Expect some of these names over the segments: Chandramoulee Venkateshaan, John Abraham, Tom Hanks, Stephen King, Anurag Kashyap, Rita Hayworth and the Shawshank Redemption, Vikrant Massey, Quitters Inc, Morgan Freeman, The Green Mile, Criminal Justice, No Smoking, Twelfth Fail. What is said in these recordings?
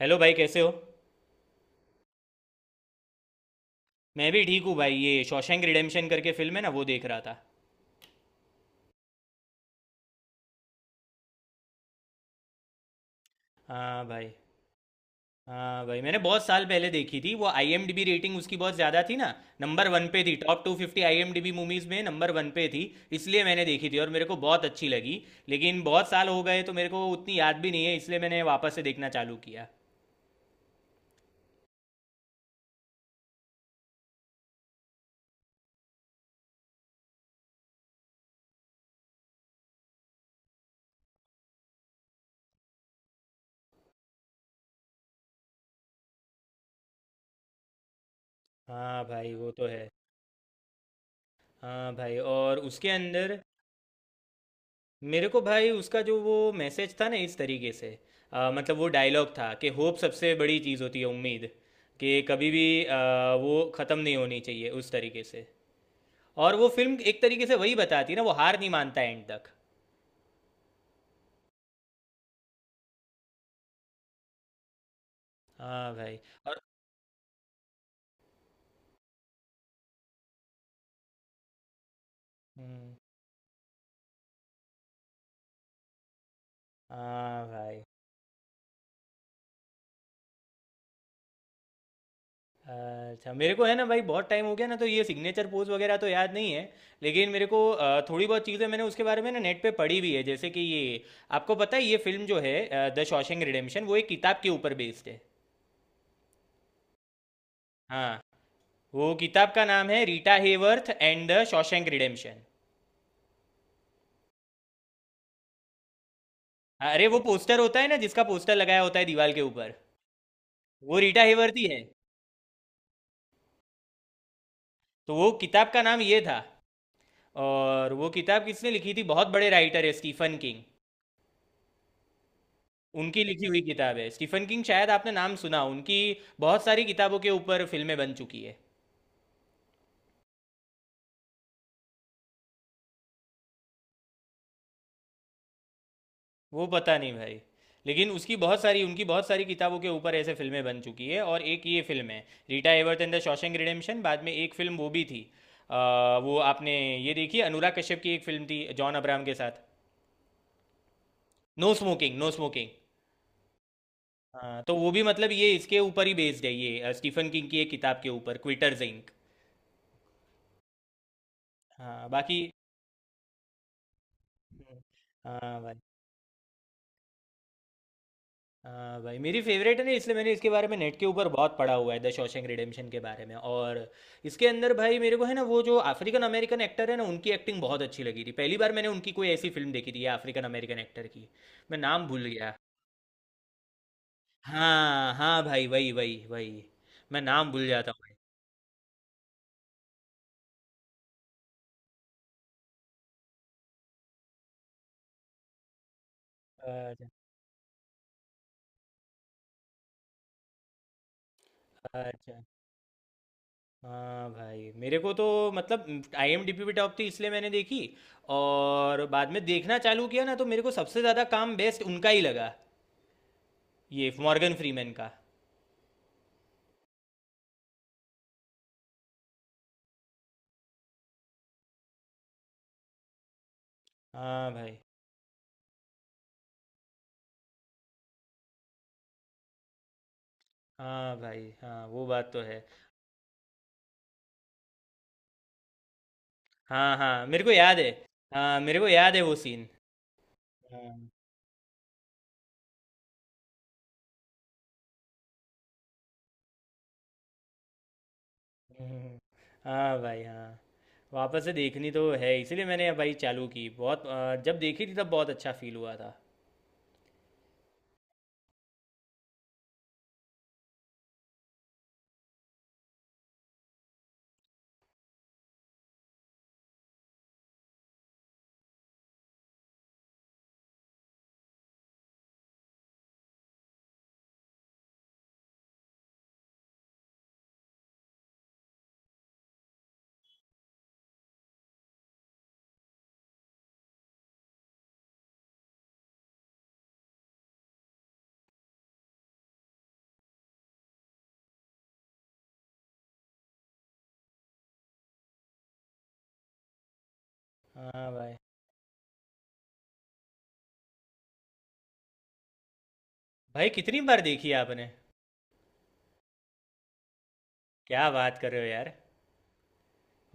Hello भाई, कैसे हो। मैं भी ठीक हूँ भाई, ये शॉशैंक रिडेम्पशन करके फिल्म है ना, वो देख रहा था। हाँ भाई। हाँ भाई, मैंने बहुत साल पहले देखी थी, वो आईएमडीबी रेटिंग उसकी बहुत ज़्यादा थी ना। नंबर वन पे थी, टॉप 250 आईएमडीबी मूवीज़ में नंबर वन पे थी। इसलिए मैंने देखी थी और मेरे को बहुत अच्छी लगी। लेकिन बहुत साल हो गए तो मेरे को उतनी याद भी नहीं है, इसलिए मैंने वापस से देखना चालू किया। हाँ भाई, वो तो है। हाँ भाई, और उसके अंदर। मेरे को भाई, उसका जो वो मैसेज था ना, इस तरीके से मतलब, वो डायलॉग था कि होप सबसे बड़ी चीज़ होती है, उम्मीद। कि कभी भी वो ख़त्म नहीं होनी चाहिए, उस तरीके से। और वो फिल्म एक तरीके से वही बताती है ना, वो हार नहीं मानता एंड तक। हाँ भाई। और हम्म, हाँ भाई। अच्छा, मेरे को है ना भाई, बहुत टाइम हो गया ना, तो ये सिग्नेचर पोज वगैरह तो याद नहीं है। लेकिन मेरे को थोड़ी बहुत चीज़ें मैंने उसके बारे में ना नेट पे पढ़ी भी है, जैसे कि ये, आपको पता है ये फिल्म जो है द शॉशैंक रिडेम्पशन, वो एक किताब के ऊपर बेस्ड है। हाँ, वो किताब का नाम है Rita Hayworth and the Shawshank Redemption. हाँ, अरे वो पोस्टर होता है ना, जिसका पोस्टर लगाया होता है दीवार के ऊपर, वो रीटा हेवर्थ ही है। तो वो किताब का नाम ये था। और वो किताब किसने लिखी थी, बहुत बड़े राइटर है स्टीफन किंग। उनकी लिखी हुई किताब है, स्टीफन किंग, शायद आपने नाम सुना हो, उनकी बहुत सारी किताबों के ऊपर फिल्में बन चुकी है। वो पता नहीं भाई। लेकिन उसकी बहुत सारी उनकी बहुत सारी किताबों के ऊपर ऐसे फिल्में बन चुकी है, और एक ये फिल्म है, Rita Hayworth and the Shawshank Redemption. बाद में एक फिल्म वो भी थी, अ, वो आपने ये देखी, अनुराग कश्यप की एक फिल्म थी जॉन अब्राहम के साथ, नो स्मोकिंग, नो स्मोकिंग। हाँ, तो वो भी मतलब ये इसके ऊपर ही बेस्ड है, ये स्टीफन किंग की एक किताब के ऊपर, क्विटर्स इंक। हाँ, बाकी। हाँ भाई। हाँ भाई, मेरी फेवरेट है ना, इसलिए मैंने इसके बारे में नेट के ऊपर बहुत पढ़ा हुआ है द शॉशैंक रिडेम्पशन के बारे में। और इसके अंदर भाई, मेरे को है ना, वो जो अफ्रीकन अमेरिकन एक्टर है ना, उनकी एक्टिंग बहुत अच्छी लगी थी, पहली बार मैंने उनकी कोई ऐसी फिल्म देखी थी अफ्रीकन अमेरिकन एक्टर की। मैं नाम भूल गया। हाँ हाँ भाई, वही वही वही। मैं नाम भूल जाता हूँ भाई। अच्छा, अच्छा। हाँ भाई, मेरे को तो मतलब आईएमडीबी पे टॉप थी, इसलिए मैंने देखी। और बाद में देखना चालू किया ना, तो मेरे को सबसे ज़्यादा काम बेस्ट उनका ही लगा, ये मॉर्गन फ्रीमैन का। हाँ भाई। हाँ भाई, हाँ वो बात तो है। हाँ हाँ, मेरे को याद है। हाँ, मेरे को याद है वो सीन। हाँ। हम्म। हाँ भाई, हाँ। वापस से देखनी तो है, इसीलिए मैंने भाई चालू की, बहुत जब देखी थी तब बहुत अच्छा फील हुआ था। हाँ भाई। भाई, कितनी बार देखी है आपने? क्या बात कर रहे हो यार।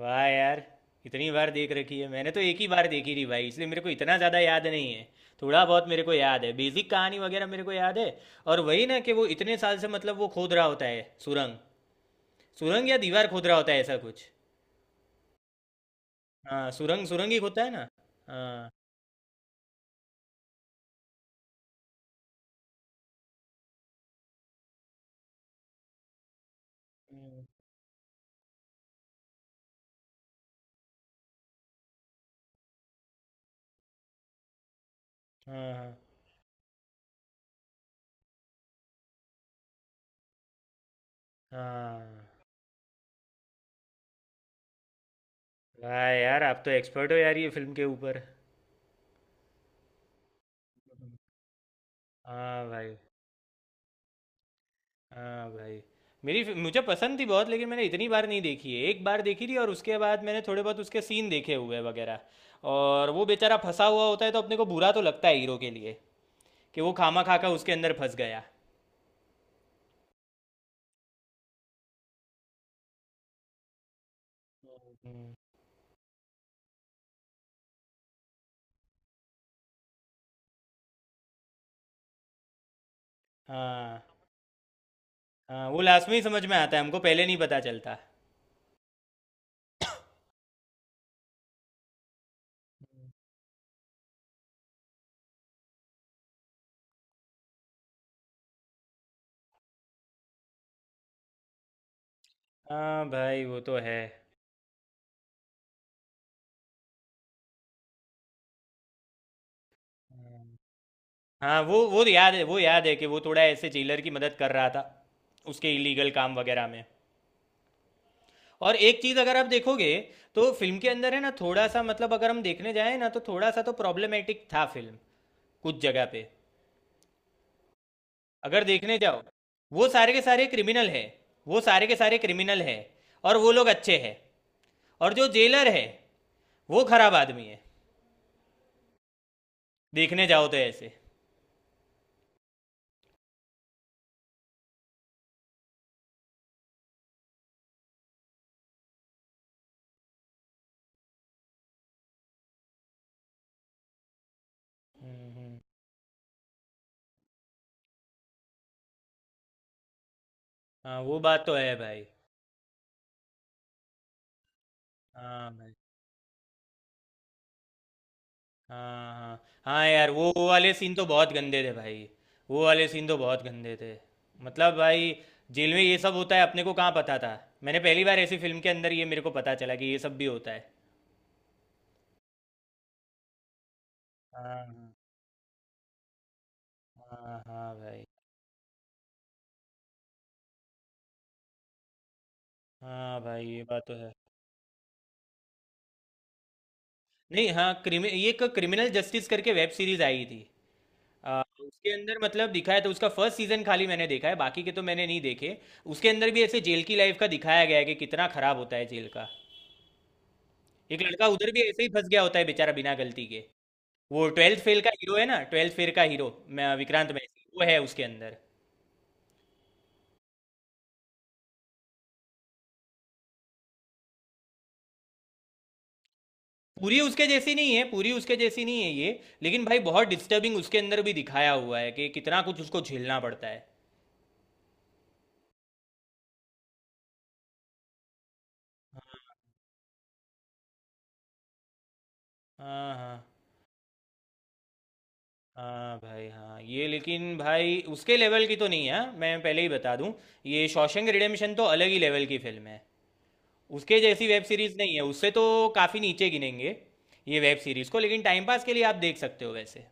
वाह यार, इतनी बार देख रखी है, मैंने तो एक ही बार देखी थी भाई, इसलिए मेरे को इतना ज़्यादा याद नहीं है। थोड़ा बहुत मेरे को याद है, बेसिक कहानी वगैरह मेरे को याद है, और वही ना कि वो इतने साल से मतलब वो खोद रहा होता है सुरंग, सुरंग या दीवार खोद रहा होता है ऐसा कुछ। हाँ, सुरंग सुरंग ही खोदता है ना। हाँ। हम्म। हाँ। हाँ। हाँ। वाह यार, आप तो एक्सपर्ट हो यार ये फिल्म के ऊपर। हाँ भाई। हाँ भाई। मेरी मुझे पसंद थी बहुत, लेकिन मैंने इतनी बार नहीं देखी है, एक बार देखी थी और उसके बाद मैंने थोड़े बहुत उसके सीन देखे हुए हैं वगैरह। और वो बेचारा फंसा हुआ होता है, तो अपने को बुरा तो लगता है हीरो के लिए, कि वो खामा खा का उसके अंदर फंस गया। हाँ। हाँ, वो लास्ट में ही समझ में आता है, हमको पहले नहीं पता चलता। हाँ भाई, वो तो है। हाँ, हाँ, वो याद है, वो याद है कि वो थोड़ा ऐसे जेलर की मदद कर रहा था, उसके इलीगल काम वगैरह में। और एक चीज अगर आप देखोगे, तो फिल्म के अंदर है ना, थोड़ा सा, मतलब अगर हम देखने जाए ना, तो थोड़ा सा तो प्रॉब्लमेटिक था फिल्म कुछ जगह पे, अगर देखने जाओ, वो सारे के सारे क्रिमिनल है, वो सारे के सारे क्रिमिनल है, और वो लोग अच्छे हैं, और जो जेलर है, वो खराब आदमी है, देखने जाओ तो ऐसे। हाँ, वो बात तो है भाई। हाँ भाई। हाँ हाँ। हाँ यार, वो वाले सीन तो बहुत गंदे थे भाई। वो वाले सीन तो बहुत गंदे थे। मतलब भाई, जेल में ये सब होता है अपने को कहाँ पता था। मैंने पहली बार ऐसी फिल्म के अंदर ये मेरे को पता चला कि ये सब भी होता है। हाँ हाँ। हाँ भाई। हाँ भाई, ये बात तो है। नहीं, हाँ, क्रिमि ये एक क्रिमिनल जस्टिस करके वेब सीरीज आई थी। आ, उसके अंदर मतलब दिखाया, तो उसका फर्स्ट सीजन खाली मैंने देखा है, बाकी के तो मैंने नहीं देखे। उसके अंदर भी ऐसे जेल की लाइफ का दिखाया गया है कि कितना खराब होता है जेल का, एक लड़का उधर भी ऐसे ही फंस गया होता है बेचारा बिना गलती के। वो ट्वेल्थ फेल का हीरो है ना, ट्वेल्थ फेल का हीरो। विक्रांत मैसी, वो है उसके अंदर। पूरी उसके जैसी नहीं है, पूरी उसके जैसी नहीं है ये, लेकिन भाई बहुत डिस्टर्बिंग उसके अंदर भी दिखाया हुआ है, कि कितना कुछ उसको झेलना पड़ता है। हाँ हाँ। हाँ भाई, हाँ, ये लेकिन भाई उसके लेवल की तो नहीं है, हाँ, मैं पहले ही बता दूं। ये शॉशैंक रिडेम्पशन तो अलग ही लेवल की फिल्म है, उसके जैसी वेब सीरीज नहीं है, उससे तो काफ़ी नीचे गिनेंगे ये वेब सीरीज को, लेकिन टाइम पास के लिए आप देख सकते हो वैसे।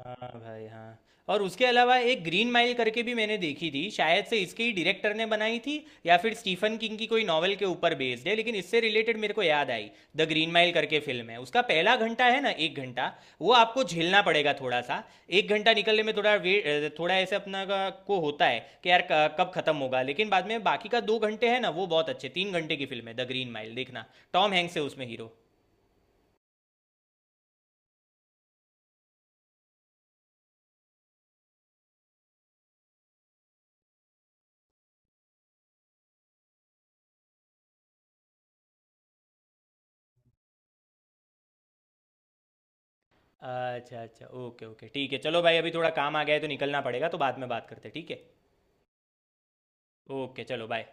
हाँ भाई, हाँ। और उसके अलावा एक ग्रीन माइल करके भी मैंने देखी थी, शायद से इसके ही डायरेक्टर ने बनाई थी, या फिर स्टीफन किंग की कोई नॉवेल के ऊपर बेस्ड है, लेकिन इससे रिलेटेड मेरे को याद आई। द ग्रीन माइल करके फिल्म है, उसका पहला घंटा है ना, 1 घंटा, वो आपको झेलना पड़ेगा थोड़ा सा। 1 घंटा निकलने में थोड़ा वेट, थोड़ा ऐसे अपना को होता है कि यार कब खत्म होगा, लेकिन बाद में बाकी का 2 घंटे है ना, वो बहुत अच्छे, 3 घंटे की फिल्म है द ग्रीन माइल, देखना। टॉम हैंक्स है उसमें हीरो। अच्छा अच्छा, ओके ओके, ठीक है, चलो भाई, अभी थोड़ा काम आ गया है तो निकलना पड़ेगा, तो बाद में बात करते हैं, ठीक है। ओके, चलो, बाय।